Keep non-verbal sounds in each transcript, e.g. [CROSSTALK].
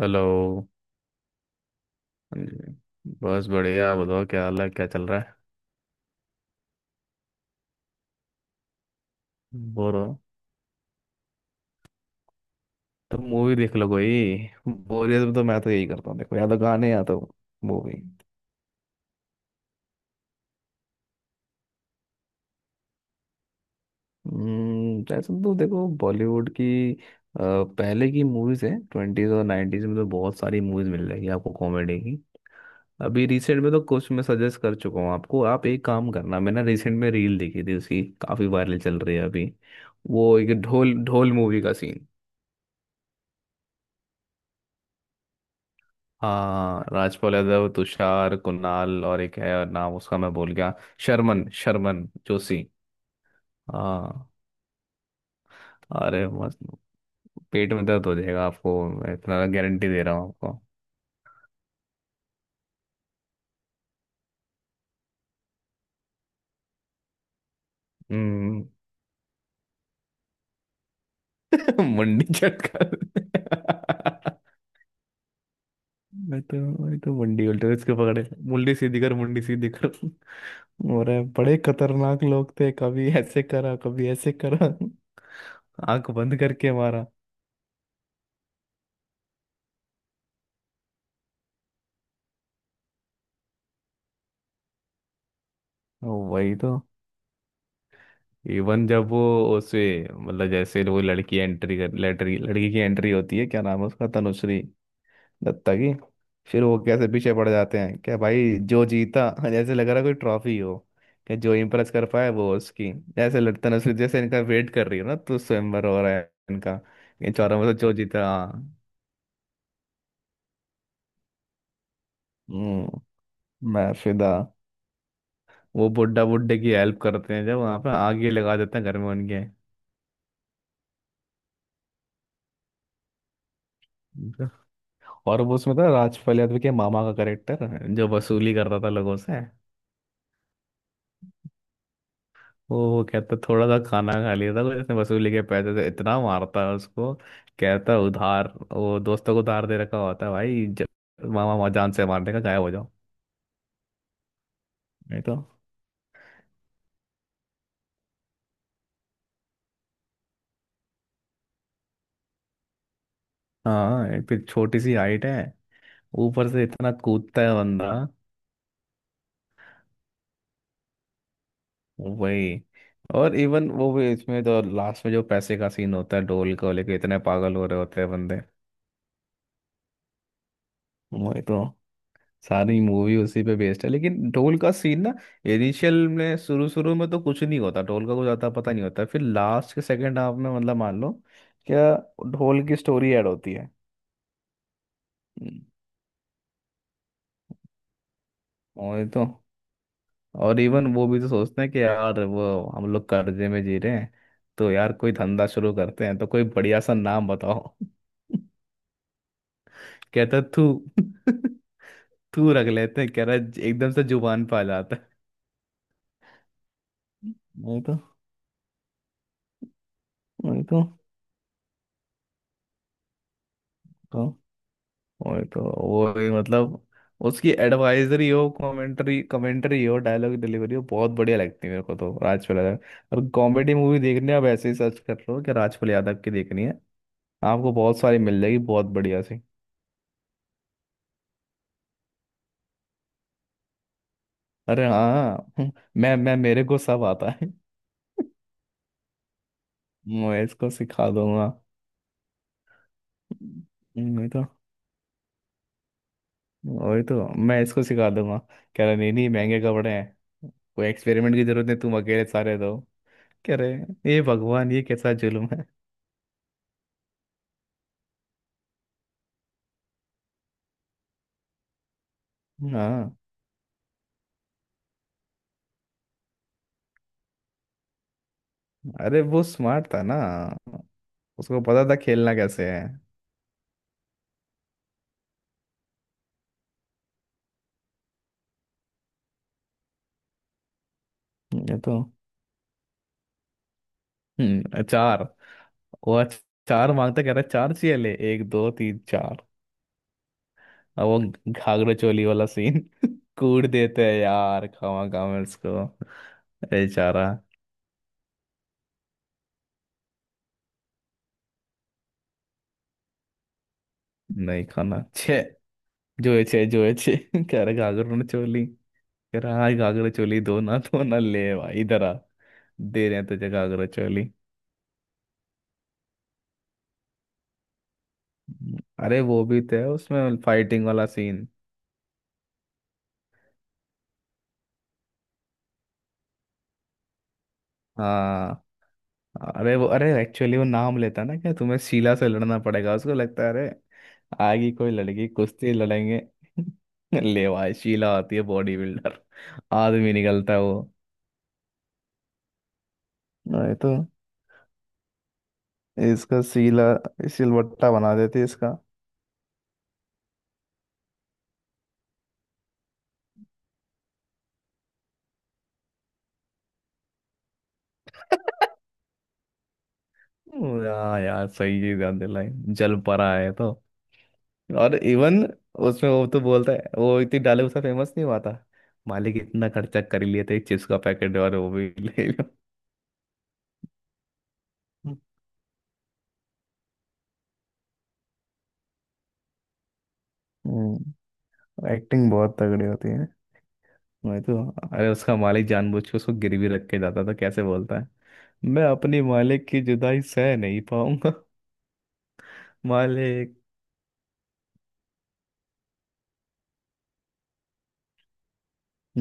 Hello. हाँ जी। बस बढ़िया, बताओ क्या हाल है, क्या चल रहा है? बोर हो तो मूवी देख लो कोई। बोरियत में तो मैं तो यही करता हूँ, देखो, या तो गाने या तो मूवी। ऐसे तो देखो बॉलीवुड की। अ, पहले की मूवीज है ट्वेंटीज और नाइन्टीज में, तो बहुत सारी मूवीज मिल जाएगी आपको कॉमेडी की। अभी रिसेंट में तो कुछ मैं सजेस्ट कर चुका हूँ आपको। आप एक काम करना, मैंने रिसेंट में रील देखी थी, उसकी काफी वायरल चल रही है अभी। वो एक ढोल ढोल मूवी का सीन। हाँ, राजपाल यादव, तुषार, कुणाल और एक है और नाम उसका मैं भूल गया। शर्मन शर्मन जोशी। हाँ। अरे मस्त। पेट में दर्द हो जाएगा आपको, मैं इतना गारंटी दे रहा हूँ आपको। हम्म। [LAUGHS] मुंडी चटकर। मैं तो मैं तो मुंडी उल्टे इसके पकड़े, मुंडी सीधी कर, मुंडी सीधी कर। और ये बड़े खतरनाक लोग थे, कभी ऐसे करा, कभी ऐसे करा। आंख बंद करके मारा। वही तो। इवन जब वो उसे, मतलब जैसे वो लड़की की एंट्री होती है, क्या नाम है उसका? तनुश्री दत्ता की। फिर वो कैसे पीछे पड़ जाते हैं, क्या भाई, जो जीता [LAUGHS] जैसे लग रहा है कोई ट्रॉफी हो। क्या, जो इम्प्रेस कर पाए वो उसकी, जैसे तनुश्री जैसे इनका वेट कर रही हो ना, तो स्वयंवर हो रहा है इनका। इन चारों में से जो जीता, हाँ। हम्म, मैं फिदा। वो बुड्ढा, बुड्ढे की हेल्प करते हैं जब, वहाँ पे आग ही लगा देते हैं घर में उनके। और वो उसमें था राजपाल यादव के मामा का करेक्टर, जो वसूली करता था लोगों से। वो कहता थोड़ा सा खाना खा लिया था जिसने वसूली के पैसे से, इतना मारता है उसको। कहता उधार, वो दोस्तों को उधार दे रखा होता है भाई, जब मामा मामा जान से मारने का, गायब हो जाओ। नहीं तो। हाँ, एक फिर छोटी सी हाइट है, ऊपर से इतना कूदता है बंदा। वही। और इवन वो भी इसमें, जो लास्ट में जो पैसे का सीन होता है, ढोल को लेके इतने पागल हो रहे होते हैं बंदे। वही तो, सारी मूवी उसी पे बेस्ड है, लेकिन ढोल का सीन ना, इनिशियल में, शुरू शुरू में तो कुछ नहीं होता, ढोल का कुछ आता पता नहीं होता, फिर लास्ट के सेकंड हाफ में, मतलब मान लो क्या, ढोल की स्टोरी ऐड होती है। हम्म, और ये तो, और इवन वो भी तो सोचते हैं कि यार वो, हम लोग कर्जे में जी रहे हैं, तो यार कोई धंधा शुरू करते हैं, तो कोई बढ़िया सा नाम बताओ [LAUGHS] कहता तू [LAUGHS] तू रख लेते हैं, कह रहा एकदम से जुबान पे आ जाता है। नहीं तो। नहीं तो। तो वही तो। वो ही मतलब, उसकी एडवाइजरी हो, कमेंट्री कमेंट्री हो, डायलॉग डिलीवरी हो, बहुत बढ़िया लगती है मेरे को। तो राजपाल यादव और कॉमेडी मूवी देखने आप ऐसे ही सर्च कर लो कि राजपाल यादव की देखनी है। आपको बहुत सारी मिल जाएगी, बहुत बढ़िया सी। अरे हाँ [LAUGHS] मैं मेरे को सब आता है, मैं इसको सिखा दूंगा। वही तो, वही तो, मैं इसको सिखा दूंगा। कह रहा नहीं नहीं, महंगे कपड़े हैं, कोई एक्सपेरिमेंट की जरूरत नहीं, तुम अकेले सारे दो। कह रहे हे भगवान, ये कैसा जुल्म है। हाँ। अरे वो स्मार्ट था ना, उसको पता था खेलना कैसे है। ये तो, हम्म, चार, वो चार मांगता, कह रहा है, चार चाहिए, ले एक दो तीन चार। अब वो घाघरा चोली वाला सीन, [LAUGHS] कूट देते हैं यार, खावा खावा इसको। अरे चारा, नहीं खाना छे। जो है छे, जो है छे [LAUGHS] कह रहा घाघरा चोली। कह रहा हाँ, घाघरा चोली दो ना [LAUGHS] दो ना, ले भाई इधर आ, दे रहे हैं तुझे घाघरा चोली। अरे वो भी तो है उसमें फाइटिंग वाला सीन। हाँ, अरे वो, अरे एक्चुअली वो नाम लेता है ना, क्या तुम्हें शीला से लड़ना पड़ेगा, उसको लगता है अरे, आएगी कोई लड़की, कुश्ती लड़ेंगे। [LAUGHS] ले भाई, शीला आती है बॉडी बिल्डर, आदमी निकलता है वो। नहीं तो। इसका शीला सिलवट्टा बना देती है इसका। [LAUGHS] हाँ यार, सही चीज याद दिलाई। जल परा है तो। और इवन उसमें वो तो बोलता है, वो इतनी डाले उसका फेमस नहीं हुआ था। मालिक इतना खर्चा कर लिए थे, एक चिप्स का पैकेट और वो भी ले लो [LAUGHS] हम्म। एक्टिंग बहुत तगड़ी होती है। मैं तो, अरे उसका मालिक जानबूझ के उसको गिरवी रख के जाता था, कैसे बोलता है, मैं अपने मालिक की जुदाई सह नहीं पाऊंगा [LAUGHS] मालिक।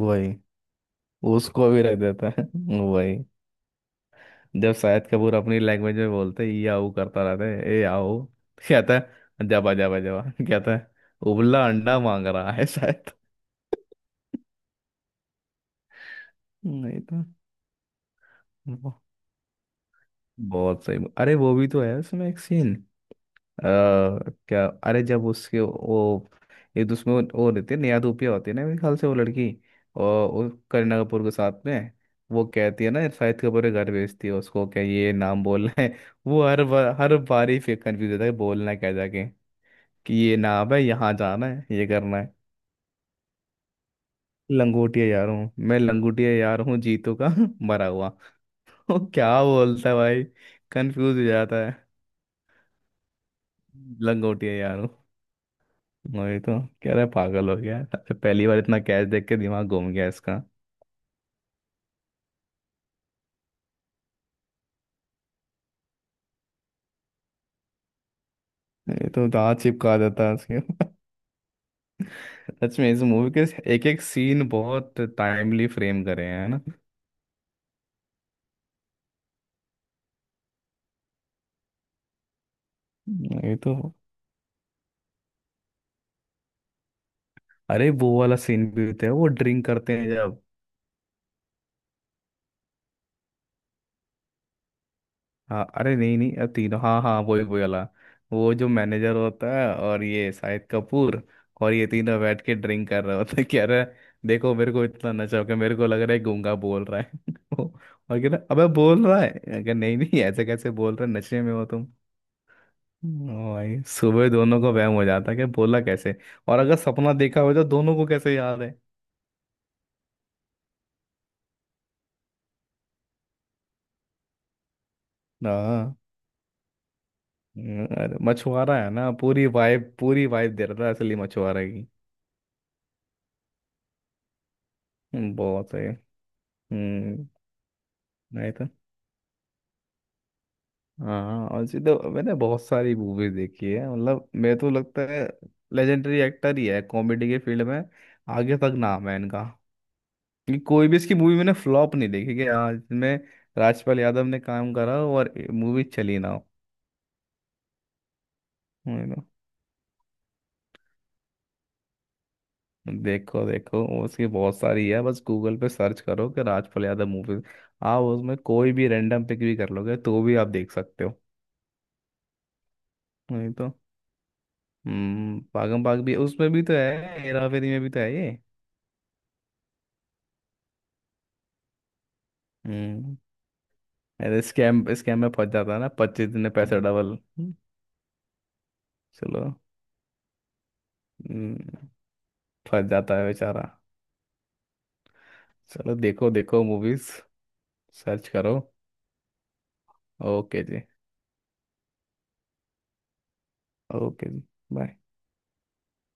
वही, उसको भी रख देता है। वही, जब शाहिद कपूर अपनी लैंग्वेज में बोलते ये आओ करता रहता है, ए आओ [LAUGHS] कहता है जाबा जाबा जाबा [LAUGHS] कहता है उबला अंडा मांग रहा है शायद [LAUGHS] नहीं तो। वो- बहुत सही, अरे वो भी तो है उसमें एक सीन। अ, क्या, अरे जब उसके वो एक दूसरे में वो रहते हैं, नेहा धूपिया होती है ना मेरे ख्याल से वो लड़की, और वो करीना कपूर के साथ में। वो कहती है ना, शाहिद कपूर के घर भेजती है उसको, क्या ये नाम बोलना है [LAUGHS] वो हर बार ही फिर कंफ्यूज होता है कि बोलना क्या, जाके कि ये नाम है, यहाँ जाना है, ये करना है। लंगोटिया यार हूँ, मैं लंगोटिया यार हूँ जीतू का [LAUGHS] मरा हुआ। वो क्या बोलता है भाई, कंफ्यूज हो जाता है, लंगोटिया यार। वही तो, कह रहा है पागल हो गया है। अरे पहली बार इतना कैच देख के दिमाग घूम गया इसका। ये तो दांत चिपका देता है उसके [LAUGHS] सच में इस मूवी के एक एक सीन बहुत टाइमली फ्रेम करे हैं, है ना। ये तो, अरे वो वाला सीन भी होता है वो ड्रिंक करते हैं जब। हाँ, अरे नहीं नहीं, अब तीनों, हाँ हाँ, वही वही वाला। वो जो मैनेजर होता है और ये शाहिद कपूर, और ये तीनों बैठ के ड्रिंक कर रहे होते हैं कि अरे देखो, मेरे को इतना नशा हो गया, मेरे को लग रहा है गूंगा बोल रहा है [LAUGHS] और कह रहा अबे बोल रहा है, अगर नहीं नहीं ऐसे कैसे बोल रहे, नशे में हो तुम। ओ भाई, सुबह दोनों को वहम हो जाता है कि बोला कैसे, और अगर सपना देखा हो तो दोनों को कैसे याद है। हाँ, अरे मछुआरा है ना, पूरी वाइब दे रहा था असली मछुआरे की। बहुत है। नहीं था। हाँ, और सीधे मैंने बहुत सारी मूवीज देखी है, मतलब मेरे तो लगता है लेजेंडरी एक्टर ही है कॉमेडी के फील्ड में, आगे तक नाम है इनका, कि कोई भी इसकी मूवी मैंने फ्लॉप नहीं देखी, कि हाँ इसमें राजपाल यादव ने काम करा हो और मूवी चली ना हो। वही ना। देखो देखो, उसकी बहुत सारी है, बस गूगल पे सर्च करो कि राजपाल यादव मूवी, आप उसमें कोई भी रैंडम पिक भी कर लोगे तो भी आप देख सकते हो। नहीं तो। हम्म, पागम पाग भी उसमें भी तो है, हेरा फेरी में भी तो है ये। हम्म, अरे स्कैम स्कैम में फंस जाता है ना, 25 दिन में पैसे डबल। चलो। हम्म, फंस जाता है बेचारा। चलो, देखो देखो मूवीज, सर्च करो। ओके जी। ओके जी, बाय।